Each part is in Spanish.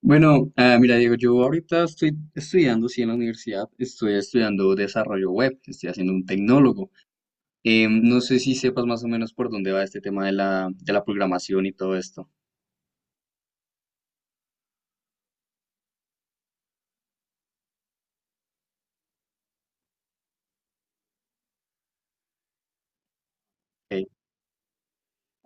Bueno, mira, Diego, yo ahorita estoy estudiando, sí, en la universidad, estoy estudiando desarrollo web, estoy haciendo un tecnólogo. No sé si sepas más o menos por dónde va este tema de la programación y todo esto. Ok.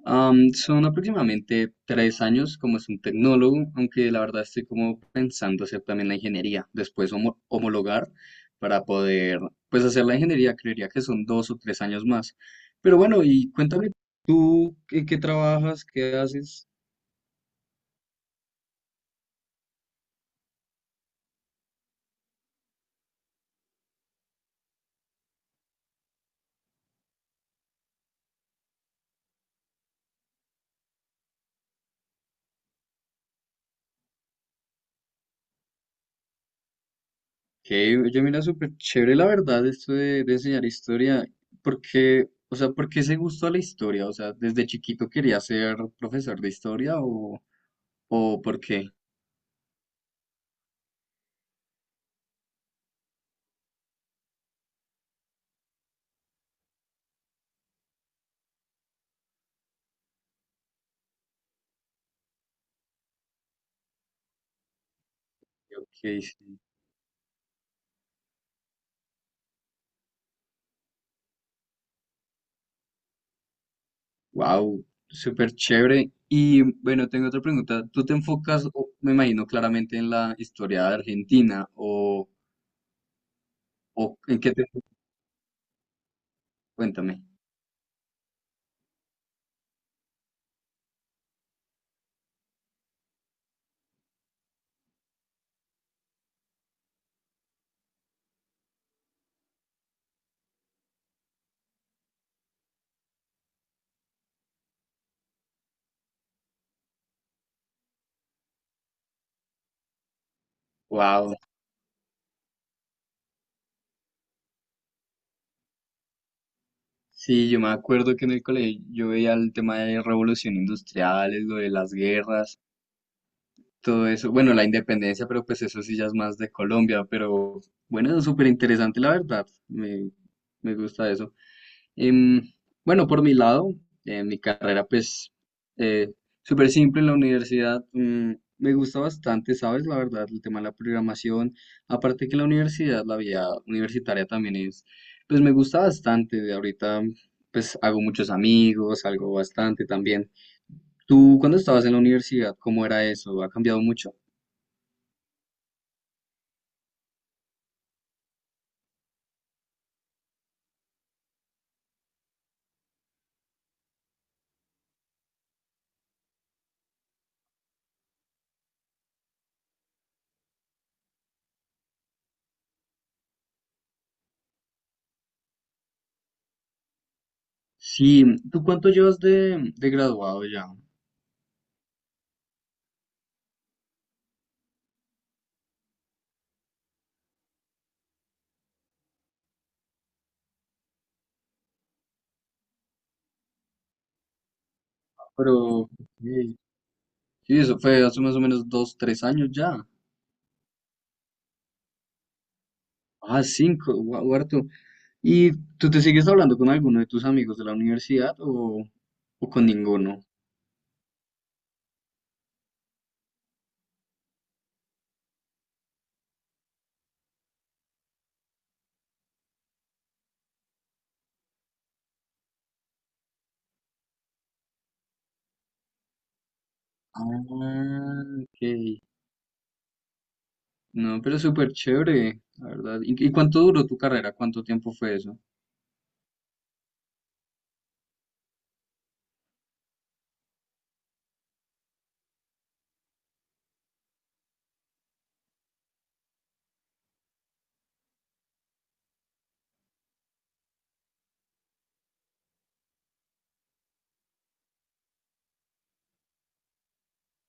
Son aproximadamente 3 años como es un tecnólogo, aunque la verdad estoy como pensando hacer también la ingeniería, después homologar para poder, pues hacer la ingeniería, creería que son 2 o 3 años más. Pero bueno, y cuéntame tú, ¿en qué trabajas? ¿Qué haces? Que yo mira súper chévere la verdad esto de enseñar historia, porque, o sea, ¿por qué ese gusto a la historia? O sea, ¿desde chiquito quería ser profesor de historia o por qué? Wow, súper chévere. Y bueno, tengo otra pregunta. ¿Tú te enfocas, me imagino claramente en la historia de Argentina o en qué te... Cuéntame. Wow. Sí, yo me acuerdo que en el colegio yo veía el tema de revolución industriales, lo de las guerras, todo eso. Bueno, la independencia, pero pues eso sí ya es más de Colombia, pero bueno, es súper interesante la verdad. Me gusta eso. Em, bueno, por mi lado, mi carrera pues eh, súper simple en la universidad. Me gusta bastante, ¿sabes? La verdad, el tema de la programación. Aparte que la universidad, la vida universitaria también es, pues me gusta bastante. De ahorita pues hago muchos amigos, algo bastante también. ¿Tú cuando estabas en la universidad, cómo era eso? ¿Ha cambiado mucho? Sí, ¿tú cuánto llevas de graduado ya? Pero, ok, sí, eso fue hace más o menos dos, tres años ya. Ah, cinco, guau, harto. ¿Y tú te sigues hablando con alguno de tus amigos de la universidad o con ninguno? Ah, ok. No, pero súper chévere, la verdad. ¿Y cuánto duró tu carrera? ¿Cuánto tiempo fue eso?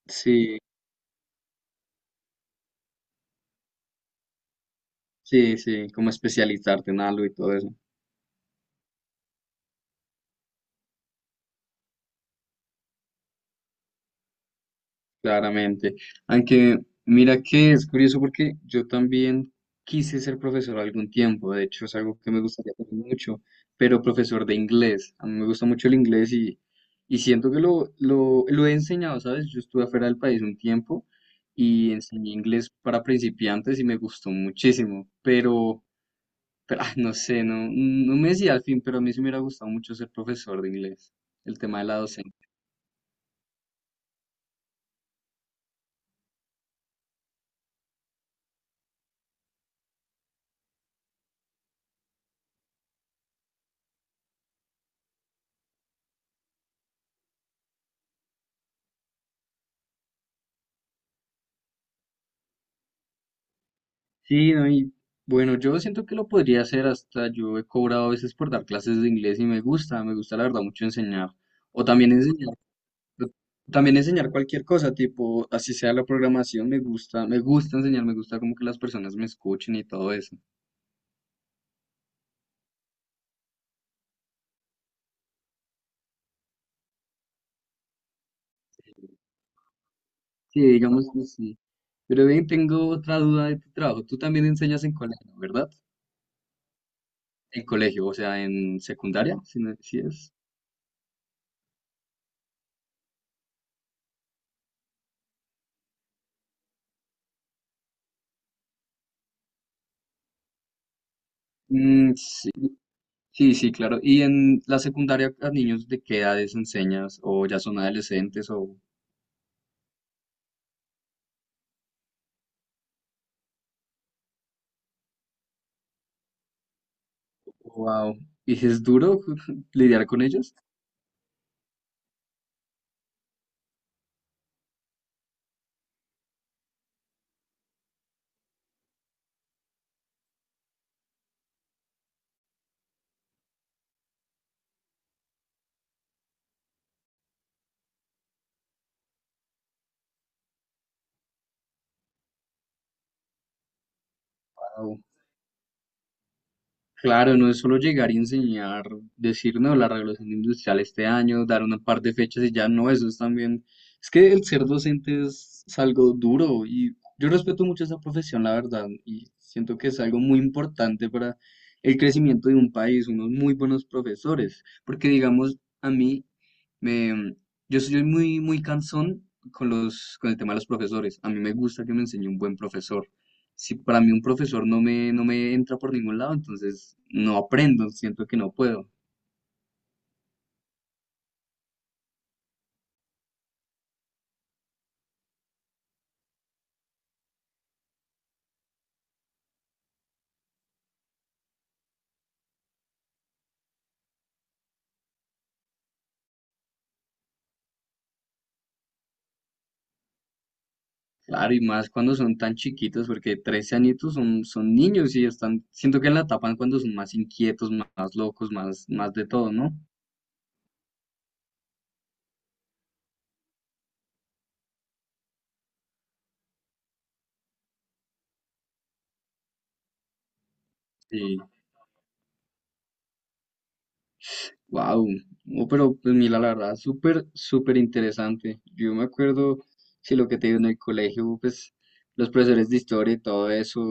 Sí, sí, sí, como especializarte en algo y todo eso. Claramente. Aunque mira que es curioso porque yo también quise ser profesor algún tiempo, de hecho es algo que me gustaría hacer mucho, pero profesor de inglés. A mí me gusta mucho el inglés y siento que lo he enseñado, ¿sabes? Yo estuve afuera del país un tiempo y enseñé inglés para principiantes y me gustó muchísimo, pero no sé, no me decía al fin, pero a mí sí me hubiera gustado mucho ser profesor de inglés, el tema de la docencia. Sí, no, y bueno, yo siento que lo podría hacer, hasta yo he cobrado a veces por dar clases de inglés y me gusta la verdad mucho enseñar, o también enseñar cualquier cosa, tipo, así sea la programación, me gusta enseñar, me gusta como que las personas me escuchen y todo eso. Sí, digamos que sí. Pero bien, tengo otra duda de tu trabajo. Tú también enseñas en colegio, ¿verdad? En colegio, o sea, en secundaria, si no, si es. Mm, sí, sí, claro. ¿Y en la secundaria a niños de qué edades enseñas? ¿O ya son adolescentes? ¿O wow? ¿Y es duro lidiar con ellos? Claro, no es solo llegar y enseñar, decir, no, la regulación industrial este año, dar una par de fechas y ya no, eso es también. Es que el ser docente es algo duro y yo respeto mucho esa profesión, la verdad, y siento que es algo muy importante para el crecimiento de un país, unos muy buenos profesores, porque digamos, a mí, me, yo soy muy, muy cansón con con el tema de los profesores, a mí me gusta que me enseñe un buen profesor si para mí un profesor no me, no me entra por ningún lado, entonces no aprendo, siento que no puedo. Claro, y más cuando son tan chiquitos, porque 13 añitos son niños y están, siento que la tapan cuando son más inquietos, más, locos, más, más de todo, ¿no? Sí. Wow, no, pero pues mira, la verdad, súper, súper interesante. Yo me acuerdo, si lo que te digo en el colegio, pues los profesores de historia y todo eso,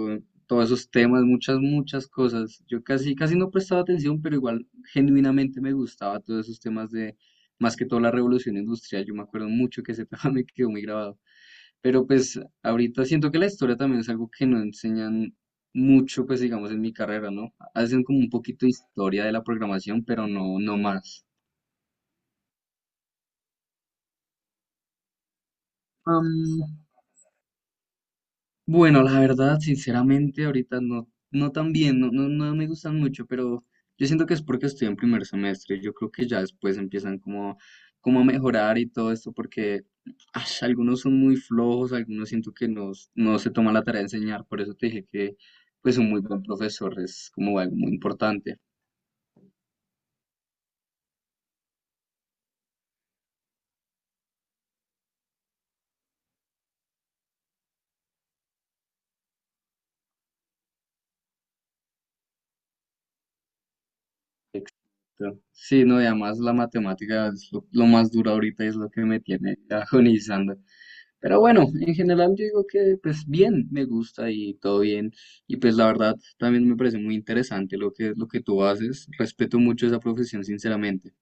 todos esos temas, muchas, muchas cosas. Yo casi, casi no prestaba atención, pero igual genuinamente me gustaba todos esos temas de, más que todo la revolución industrial. Yo me acuerdo mucho que ese tema me quedó muy grabado. Pero pues ahorita siento que la historia también es algo que no enseñan mucho, pues digamos, en mi carrera, ¿no? Hacen como un poquito de historia de la programación, pero no, no más. Am, bueno, la verdad, sinceramente, ahorita no, no tan bien, no, no, no me gustan mucho, pero yo siento que es porque estoy en primer semestre. Yo creo que ya después empiezan como a mejorar y todo esto, porque ash, algunos son muy flojos, algunos siento que no, no se toman la tarea de enseñar. Por eso te dije que pues un muy buen profesor es como algo muy importante. Exacto. Sí, no, y además la matemática es lo más duro ahorita y es lo que me tiene agonizando. Pero bueno, en general yo digo que pues bien, me gusta y todo bien. Y pues la verdad también me parece muy interesante lo que tú haces. Respeto mucho esa profesión, sinceramente.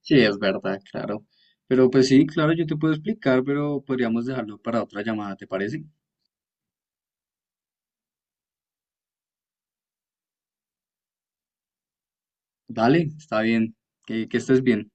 Sí, es verdad, claro. Pero pues sí, claro, yo te puedo explicar, pero podríamos dejarlo para otra llamada, ¿te parece? Dale, está bien. Que estés bien.